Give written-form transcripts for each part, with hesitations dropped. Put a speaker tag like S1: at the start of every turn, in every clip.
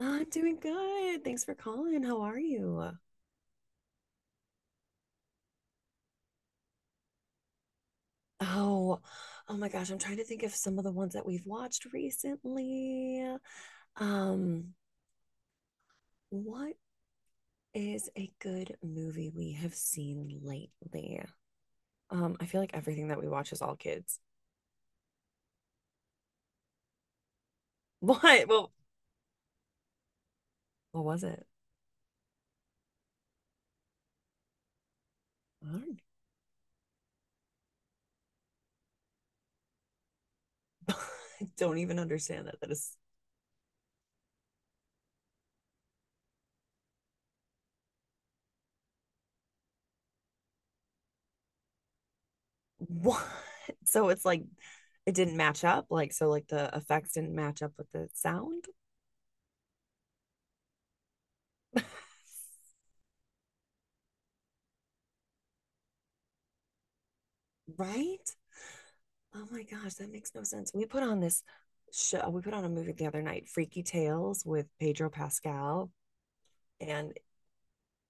S1: I'm doing good. Thanks for calling. How are you? Oh, oh my gosh, I'm trying to think of some of the ones that we've watched recently. Um, what is a good movie we have seen lately? I feel like everything that we watch is all kids. What? Well, what was it? I don't, I don't even understand that. That is what? So it's like it didn't match up. Like, so like the effects didn't match up with the sound, right? Oh my gosh, that makes no sense. We put on a movie the other night, Freaky Tales with Pedro Pascal, and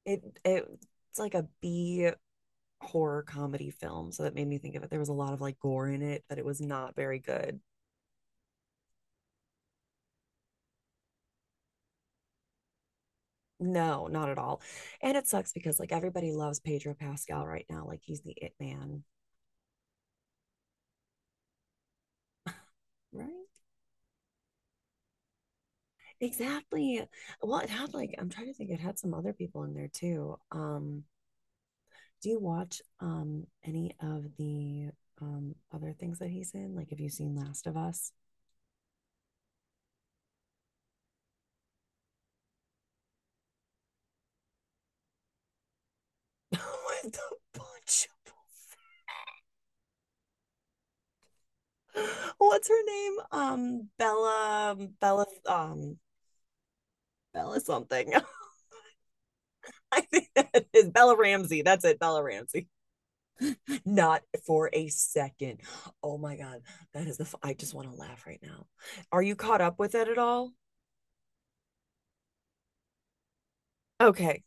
S1: it, it it's like a B horror comedy film, so that made me think of it. There was a lot of like gore in it, but it was not very good. No, not at all. And it sucks because like everybody loves Pedro Pascal right now, like he's the it man. Right. Exactly. Well, it had like I'm trying to think it had some other people in there too. Do you watch any of the other things that he's in? Like, have you seen Last of Us? With the bunch of- What's her name? Bella something. I think that is Bella Ramsey. That's it, Bella Ramsey. Not for a second. Oh my God, that is the. F- I just want to laugh right now. Are you caught up with it at all? Okay,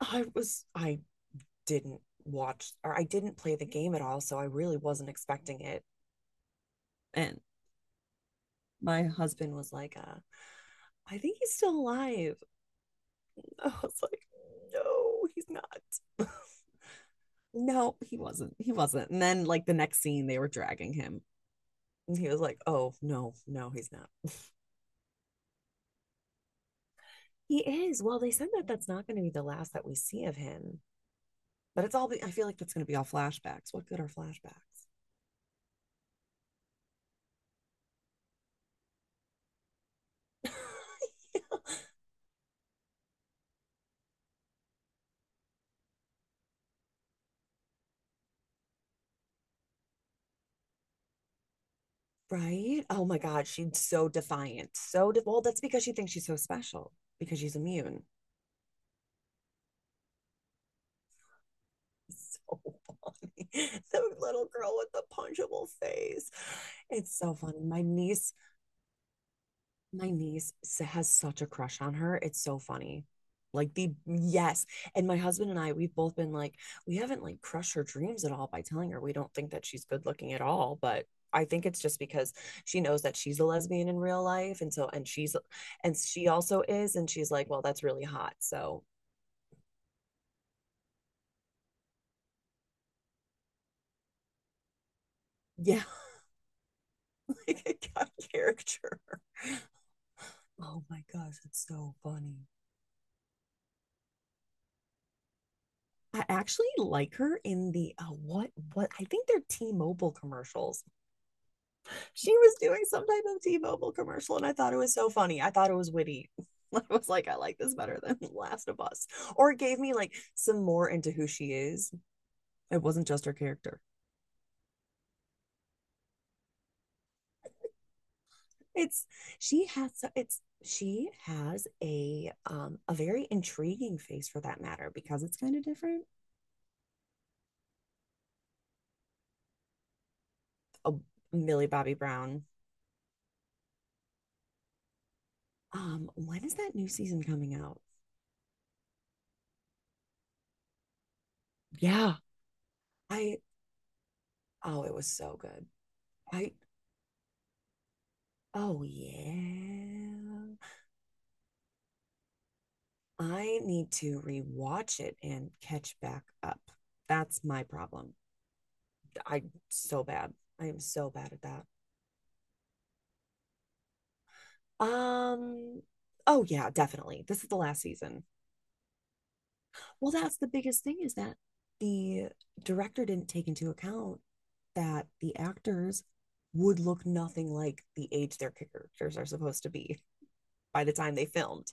S1: I was. I didn't watch or I didn't play the game at all, so I really wasn't expecting it. And my husband was like, I think he's still alive. I was like, no, he's not. No, he wasn't. He wasn't. And then, like, the next scene, they were dragging him. And he was like, oh, no, no, he's not. He is. Well, they said that that's not going to be the last that we see of him. But it's all, I feel like that's going to be all flashbacks. What good are flashbacks? Right? Oh my God. She's so defiant. So, de- well, that's because she thinks she's so special because she's immune. So funny. The little girl with the punchable face. It's so funny. My niece has such a crush on her. It's so funny. Like the yes. And my husband and I, we've both been like, we haven't like crushed her dreams at all by telling her we don't think that she's good looking at all, but I think it's just because she knows that she's a lesbian in real life. And so, and she's, and she also is. And she's like, well, that's really hot. So, yeah, like I got a character. Oh my gosh, it's so funny. I actually like her in the what I think they're T-Mobile commercials. She was doing some type of T-Mobile commercial, and I thought it was so funny. I thought it was witty. I was like, I like this better than Last of Us, or it gave me like some more into who she is. It wasn't just her character. It's she has so, it's she has a very intriguing face for that matter because it's kind of different. Oh, Millie Bobby Brown. When is that new season coming out? Yeah. I oh, it was so good. I oh yeah. I need to rewatch it and catch back up. That's my problem. I so bad. I am so bad at that. Um oh yeah, definitely. This is the last season. Well, that's the biggest thing is that the director didn't take into account that the actors would look nothing like the age their characters are supposed to be, by the time they filmed.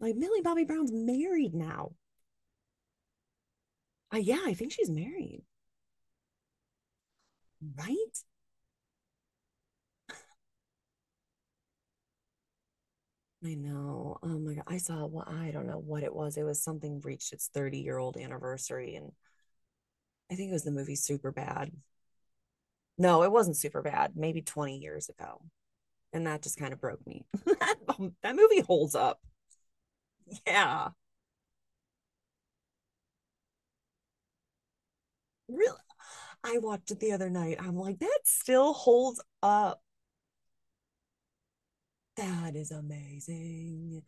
S1: Like Millie Bobby Brown's married now. Yeah, I think she's married, right? I know. Oh my God. I saw, well, I don't know what it was. It was something reached its 30-year-old anniversary. And I think it was the movie Super Bad. No, it wasn't Super Bad, maybe 20 years ago. And that just kind of broke me. That movie holds up. Yeah. Really? I watched it the other night. I'm like, that still holds up. That is amazing.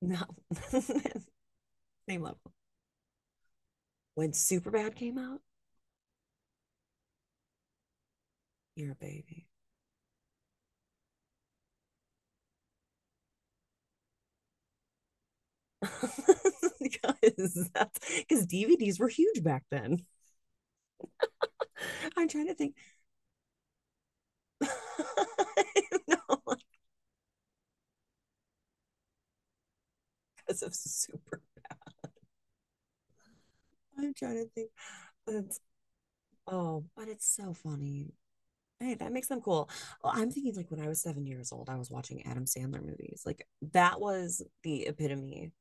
S1: No, same level. When Superbad came out, you're a baby. Because that's because DVDs were huge back then. I'm trying to think. No, because of super. I'm trying to think. That's oh, but it's so funny. Hey, that makes them cool. Well, I'm thinking like when I was 7 years old, I was watching Adam Sandler movies. Like that was the epitome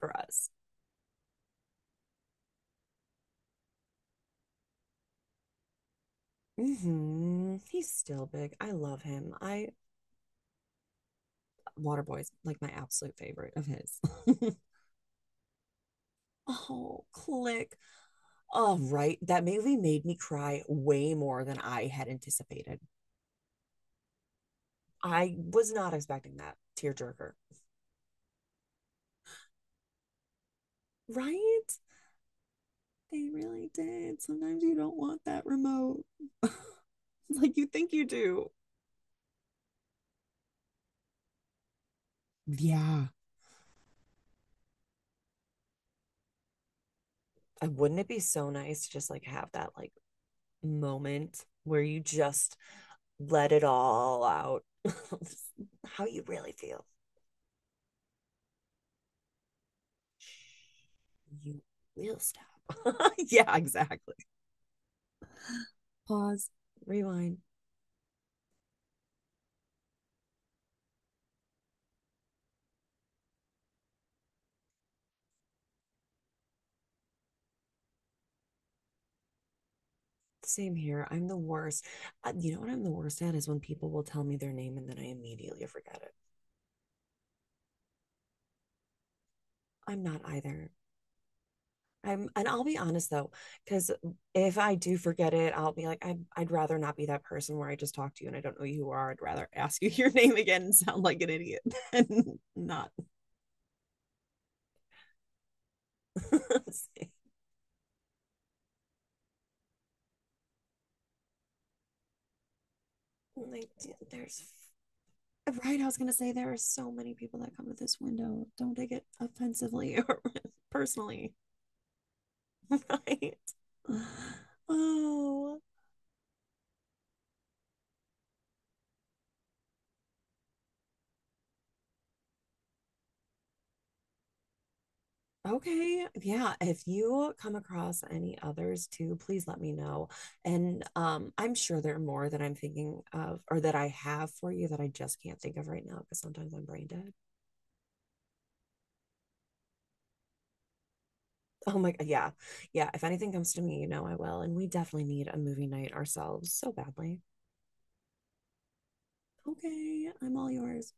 S1: for us. Hmm. He's still big. I love him. I Waterboy's like my absolute favorite of his. Oh, click. Oh, right. That movie made me cry way more than I had anticipated. I was not expecting that tearjerker. Right? They really did. Sometimes you don't want that remote. Like you think you do. Yeah. And wouldn't it be so nice to just like have that like moment where you just let it all out? How you really feel. You will stop. Yeah, exactly. Pause, rewind. Same here. I'm the worst. You know what I'm the worst at is when people will tell me their name and then I immediately forget it. I'm not either. I'm, and I'll be honest though, because if I do forget it, I'll be like, I, I'd rather not be that person where I just talk to you and I don't know who you are. I'd rather ask you your name again and sound like an idiot than not. Like, there's right, I was gonna say there are so many people that come to this window. Don't take it offensively or personally. Right. Oh, okay. Yeah. If you come across any others too, please let me know. And I'm sure there are more that I'm thinking of or that I have for you that I just can't think of right now because sometimes I'm brain dead. Oh my God. Yeah. Yeah. If anything comes to me, you know I will. And we definitely need a movie night ourselves so badly. Okay. I'm all yours.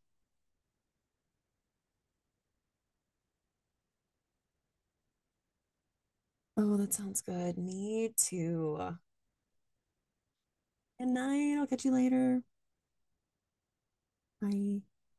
S1: Oh, that sounds good. Me too. Good night. I'll catch you later. Bye.